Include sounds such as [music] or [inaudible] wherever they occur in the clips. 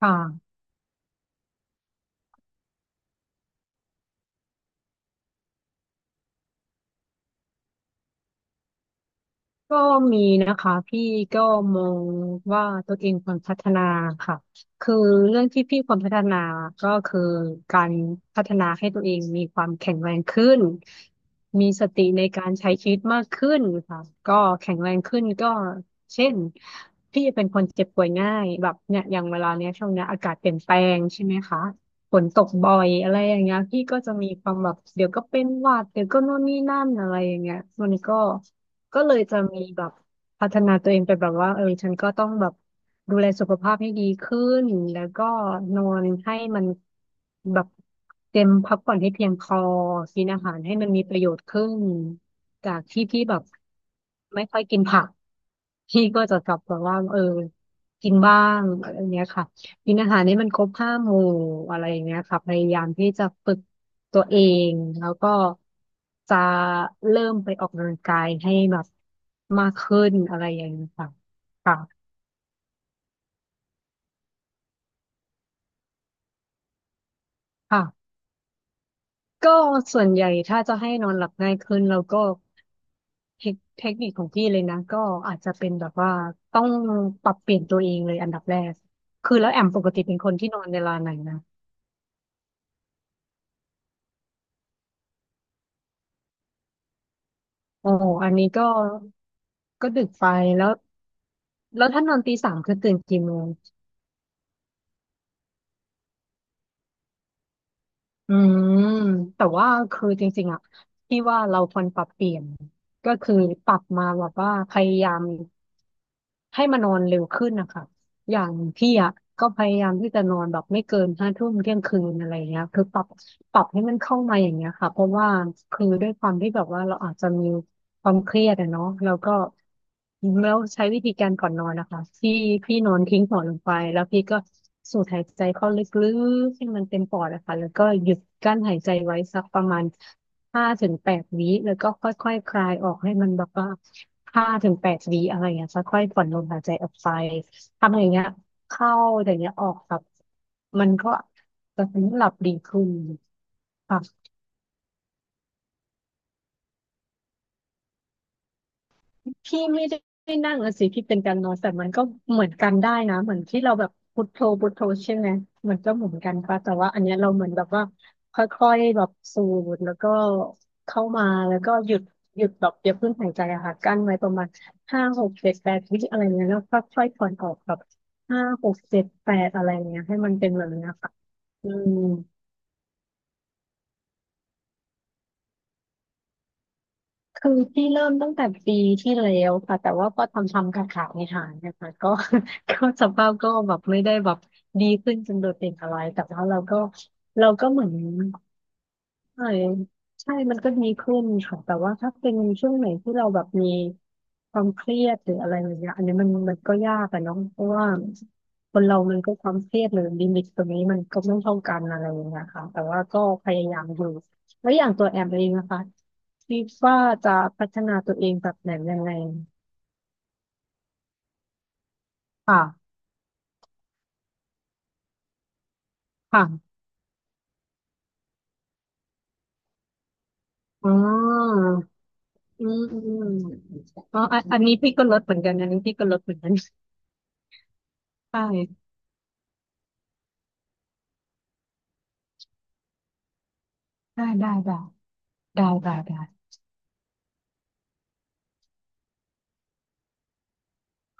ค่ะก็มีนะคะพี่ก็มองว่าตัวเองควรพัฒนาค่ะคือเรื่องที่พี่ควรพัฒนาก็คือการพัฒนาให้ตัวเองมีความแข็งแรงขึ้นมีสติในการใช้ชีวิตมากขึ้นค่ะก็แข็งแรงขึ้นก็เช่นพี่เป็นคนเจ็บป่วยง่ายแบบเนี่ยอย่างเวลาเนี้ยช่วงเนี้ยอากาศเปลี่ยนแปลงใช่ไหมคะฝนตกบ่อยอะไรอย่างเงี้ยพี่ก็จะมีความแบบเดี๋ยวก็เป็นหวัดเดี๋ยวก็โน่นนี่นั่นอะไรอย่างเงี้ยมันก็ ก็เลยจะมีแบบพัฒนาตัวเองไปแบบว่าเออฉันก็ต้องแบบดูแลสุขภาพให้ดีขึ้นแล้วก็นอนให้มันแบบเต็มพักผ่อนให้เพียงพอกินอาหารให้มันมีประโยชน์ขึ้นจากที่พี่แบบไม่ค่อยกินผักพี่ก็จะกลับแบบว่าเออกินบ้างอะไรอย่างเงี้ยค่ะ กินอาหารนี่มันครบห้าหมู่อะไรอย่างเงี้ยค่ะพยายามที่จะฝึกตัวเองแล้วก็จะเริ่มไปออกกำลังกายให้แบบมากขึ้นอะไรอย่างเงี้ยค่ะค่ะค่ะก็ส่วนใหญ่ถ้าจะให้นอนหลับง่ายขึ้นเราก็เทคนิคของพี่เลยนะก็อาจจะเป็นแบบว่าต้องปรับเปลี่ยนตัวเองเลยอันดับแรกคือแล้วแอมปกติเป็นคนที่นอนเวลาไหนนะ โอ๋อันนี้ก็ก็ดึกไปแล้วแล้วถ้านอนตีสามคือตื่นกี่โมงอืมแต่ว่าคือจริงๆอะที่ว่าเราควรปรับเปลี่ยนก็คือปรับมาแบบว่าพยายามให้มานอนเร็วขึ้นนะคะ อย่างพี่อ่ะก็พยายามที่จะนอนแบบไม่เกินห้าทุ่มเที่ยงคืนอะไรเงี้ยคือปรับให้มันเข้ามาอย่างเงี้ยค่ะเพราะว่าคือด้วยความที่แบบว่าเราอาจจะมีความเครียดอะเนาะแล้วก็แล้วใช้วิธีการก่อนนอนนะคะที่พี่นอนทิ้งหัวลงไปแล้วพี่ก็สูดหายใจเข้าลึกๆให้มันเต็มปอดอะค่ะแล้วก็หยุดกั้นหายใจไว้สักประมาณห้าถึงแปดวิแล้วก็ค่อยๆคลายออกให้มันแบบว่าห้าถึงแปดวิอะไรอย่างเงี้ยค่อยๆผ่อนลมหายใจออกไป ทำอย่างเงี้ยเข้าอย่างเงี้ยออกแบบมันก็จะทำให้หลับดีขึ้นค่ะพี่ไม่ได้นั่งอะสิพี่เป็นการนอนแต่มันก็เหมือนกันได้นะเหมือนที่เราแบบพุทโธพุทโธใช่ไหมมันก็เหมือนกันปะแต่ว่าอันเนี้ยเราเหมือนแบบว่าค่อยๆแบบสูดแล้วก็เข้ามาแล้วก็หยุดหยุดแบบอย่าเพิ่งหายใจอะค่ะกั้นไว้ประมาณห้าหกเจ็ดแปดวิอะไรเงี้ยแล้วค่อยๆผ่อนออกแบบห้าหกเจ็ดแปดอะไรเงี้ยให้มันเป็นแบบเนี้ยค่ะอืม คือพี่เริ่มตั้งแต่ปีที่แล้วค่ะแต่ว่าก็ทำขาดในหายๆนะคะก็ [laughs] ก็สภาพก็แบบไม่ได้แบบดีขึ้นจนโดดเด่นอะไรแต่ว่าเราก็เหมือน ใช่ใช่มันก็ดีขึ้นค่ะแต่ว่าถ้าเป็นช่วงไหนที่เราแบบมีความเครียดหรืออะไรอย่างเงี้ยอันนี้มันก็ยากอะเนาะเพราะว่าคนเรามันก็ความเครียดหรือลิมิตตรงนี้มันก็ไม่เท่ากันอะไรอย่างเงี้ยค่ะแต่ว่าก็พยายามอยู่แล้วอย่างตัวแอมเองนะคะคิดว่าจะพัฒนาตัวเองแบบไหนยังไงค่ะค่ะอ๋ออืมอืมอ๋ออันนี้พี่ก็ลดเหมือนกันอันนี้พี่ก็ลดเหมือนกันได้ได้ได้ได้ได้ได้ได้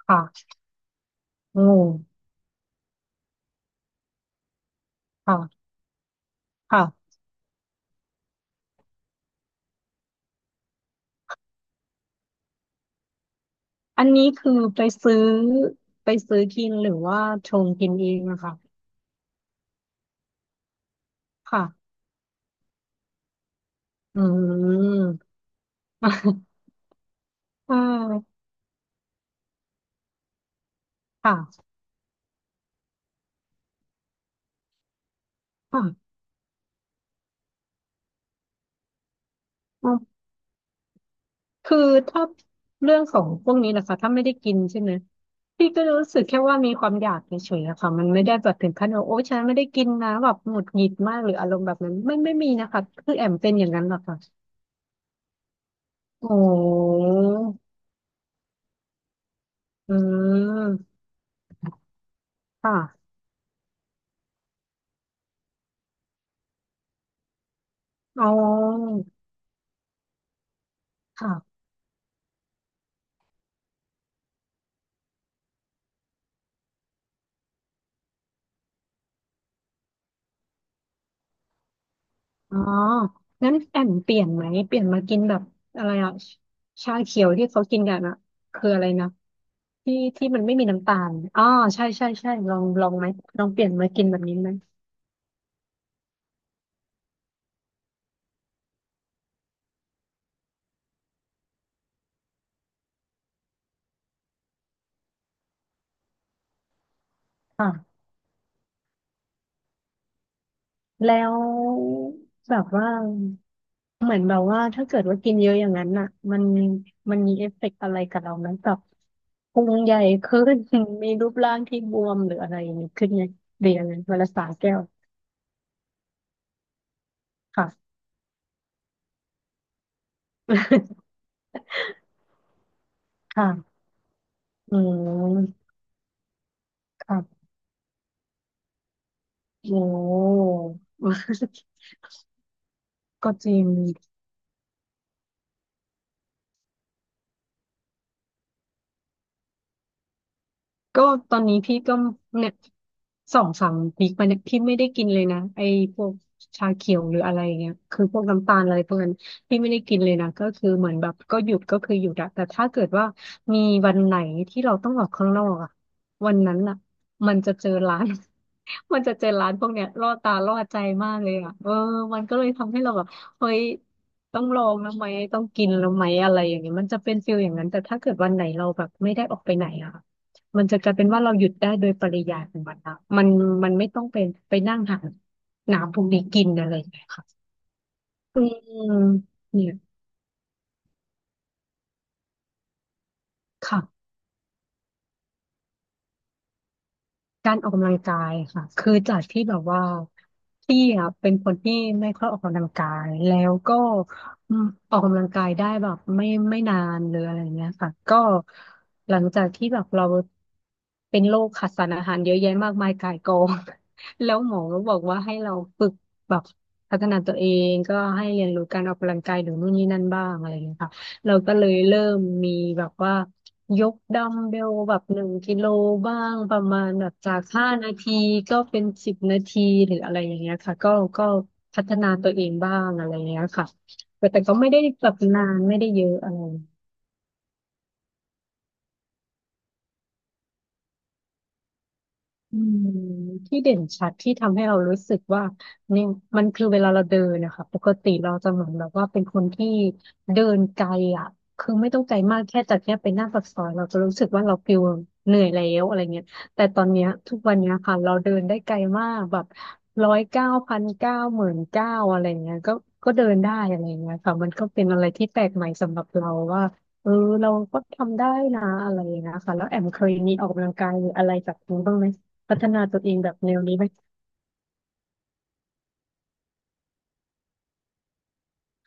ค่ะ โอ้ค่ะค่ะอันนี้คือไปซื้อกินหรือว่าชงกินเองอะค่ะค่ะอืม [laughs] อ่าค่ะค่ะอืมคือถ้าเรื่องของพวกนี้นะคะถ้าไม่ได้กินใช่ไหมพี่ก็รู้สึกแค่ว่ามีความอยากเฉยๆอะค่ะมันไม่ได้แบบถึงขั้นว่าโอ้ฉันไม่ได้กินนะแบบหงุดหงิดมากหรืออารมณ์แบบนั้นไม่มีนะคะคือแอมเป็นอย่างนั้นหรอกค่ะโอ้อืมค่ะอ๋อค่ะ อ๋องั้นแอมเปลี่ยนไหมเปลี่ยนมากินแบบอะไรอ่ะชาเขียวที่เขากินกันอ่ะคืออะไรนะที่ที่มันไม่มีน้ำตาลอ๋อใช่ใช่ใช่ลองลองไหมลองเปลี่ยนมากินแบบนี้ไหมค่ะแล้วแบบว่าเหมือนแบบว่าถ้าเกิดว่ากินเยอะอย่างนั้นอ่ะมันมีเอฟเฟกต์อะไรกับเราไหมแบบพุงใหญ่ขึ้น [laughs] มีรูปร่างที่บวมหรืออะไรอย่างนี้ขึ้นไงเดี๋ยวอะรเวลาสาแก้วค่ะ [laughs] ค่ะอืมค่ะ โอ้ [laughs] ก็จริงก็ตอนนี้พี่ก็เนี่ยสองสามวีคมาเนี่ยพี่ไม่ได้กินเลยนะไอ้พวกชาเขียวหรืออะไรอย่างเงี้ยคือพวกน้ำตาลอะไรพวกนั้นพี่ไม่ได้กินเลยนะก็คือเหมือนแบบก็หยุดก็คือหยุดอะแต่ถ้าเกิดว่ามีวันไหนที่เราต้องออกข้างนอกอะวันนั้นอะมันจะเจอร้าน มันจะเจอร้านพวกเนี้ยล่อตาล่อใจมากเลยอ่ะเออมันก็เลยทำให้เราแบบเฮ้ยต้องลองแล้วไหมต้องกินแล้วไหมอะไรอย่างเงี้ยมันจะเป็นฟิลอย่างนั้นแต่ถ้าเกิดวันไหนเราแบบไม่ได้ออกไปไหนอ่ะมันจะกลายเป็นว่าเราหยุดได้โดยปริยายของมันอะมันไม่ต้องเป็นไปนั่งหาน้ำพวกนี้กินอะไรอย่างเงี้ยค่ะอืมเนี่ยค่ะ การออกกำลังกายค่ะคือจากที่แบบว่าพี่อะเป็นคนที่ไม่ค่อยออกกำลังกายแล้วก็อืมออกกำลังกายได้แบบไม่นานหรืออะไรเงี้ยค่ะก็หลังจากที่แบบเราเป็นโรคขาดสารอาหารเยอะแยะมากมายก่ายกอง [laughs] แล้วหมอก็บอกว่าให้เราฝึกแบบพัฒนาตัวเองก็ให้เรียนรู้การออกกำลังกายหรือนู่นนี่นั่นบ้างอะไรเงี้ยค่ะเราก็เลยเริ่มมีแบบว่า ยกดัมเบลแบบหนึ่งกิโลบ้างประมาณแบบจากห้านาทีก็เป็นสิบนาทีหรืออะไรอย่างเงี้ยค่ะก็ก็พัฒนาตัวเองบ้างอะไรอย่างเงี้ยค่ะแต่ก็ไม่ได้แบบนานไม่ได้เยอะอะไร อืมที่เด่นชัดที่ทำให้เรารู้สึกว่าเนี่ยมันคือเวลาเราเดินนะคะปกติเราจะเหมือนแบบว่าเป็นคนที่เดินไกลอ่ะคือไม่ต้องไกลมากแค่จากเนี้ยไปหน้าปากซอยเราจะรู้สึกว่าเราฟิลเหนื่อยแล้วอะไรเงี้ยแต่ตอนเนี้ยทุกวันเนี้ยค่ะเราเดินได้ไกลมากแบบร้อยเก้าพันเก้าหมื่นเก้าอะไรเงี้ยก็เดินได้อะไรเงี้ยค่ะมันก็เป็นอะไรที่แปลกใหม่สำหรับเราว่าเออเราก็ทำได้นะอะไรอย่างเงี้ยค่ะแล้วแอมเคยมีออกกำลังกายหรืออะไรจากนี้บ้างไหม พัฒนาตัวเองแบบแนวนี้ไหม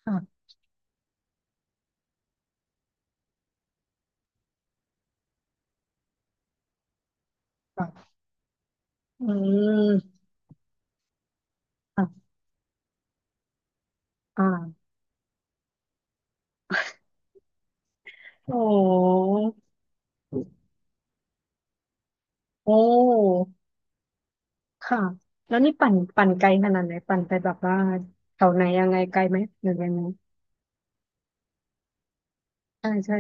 ค่ะค่ะอืมค่ะอ่าโอ้โอ้ค่ะแล้วนี่ปั่นไกลขนาดไหนปั่นไปแบบว่าแถวไหนยังไงไกลไหมหรือยังไงใช่ใช่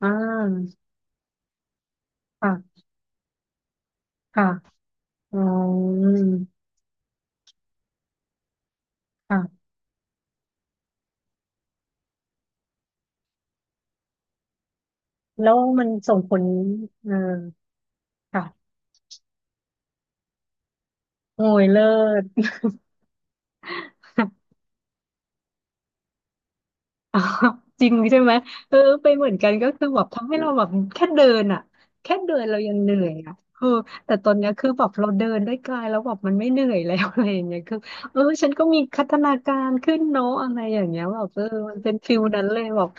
อ่าค่ะค่ะอ๋อืมค่ะแล้วมันส่งผลเออค่ะโอ้ยเลิศ อ๋อ [laughs] จริงใช่ไหมเออเป็นเหมือนกันก็คือแบบทำให้เราแบบแค่เดินอ่ะแค่เดินเรายังเหนื่อยอ่ะเออแต่ตอนเนี้ยคือแบบเราเดินด้วยกายแล้วแบบมันไม่เหนื่อยแล้ว [laughs] อะไรอย่างเงี้ยคือเออฉันก็มีพัฒนาการขึ้นเนาะอะไรอย่างเงี้ยแบบเออมันเป็นฟิลนั้นเลยแบบ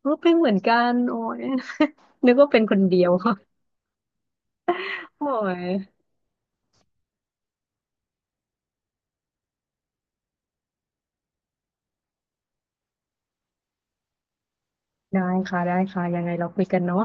เออเป็นเหมือนกันโอ้ย [laughs] นึกว่าเป็นคนเดียว [laughs] โอ้ยได้ค่ะได้ค่ะยังไงเราคุยกันเนาะ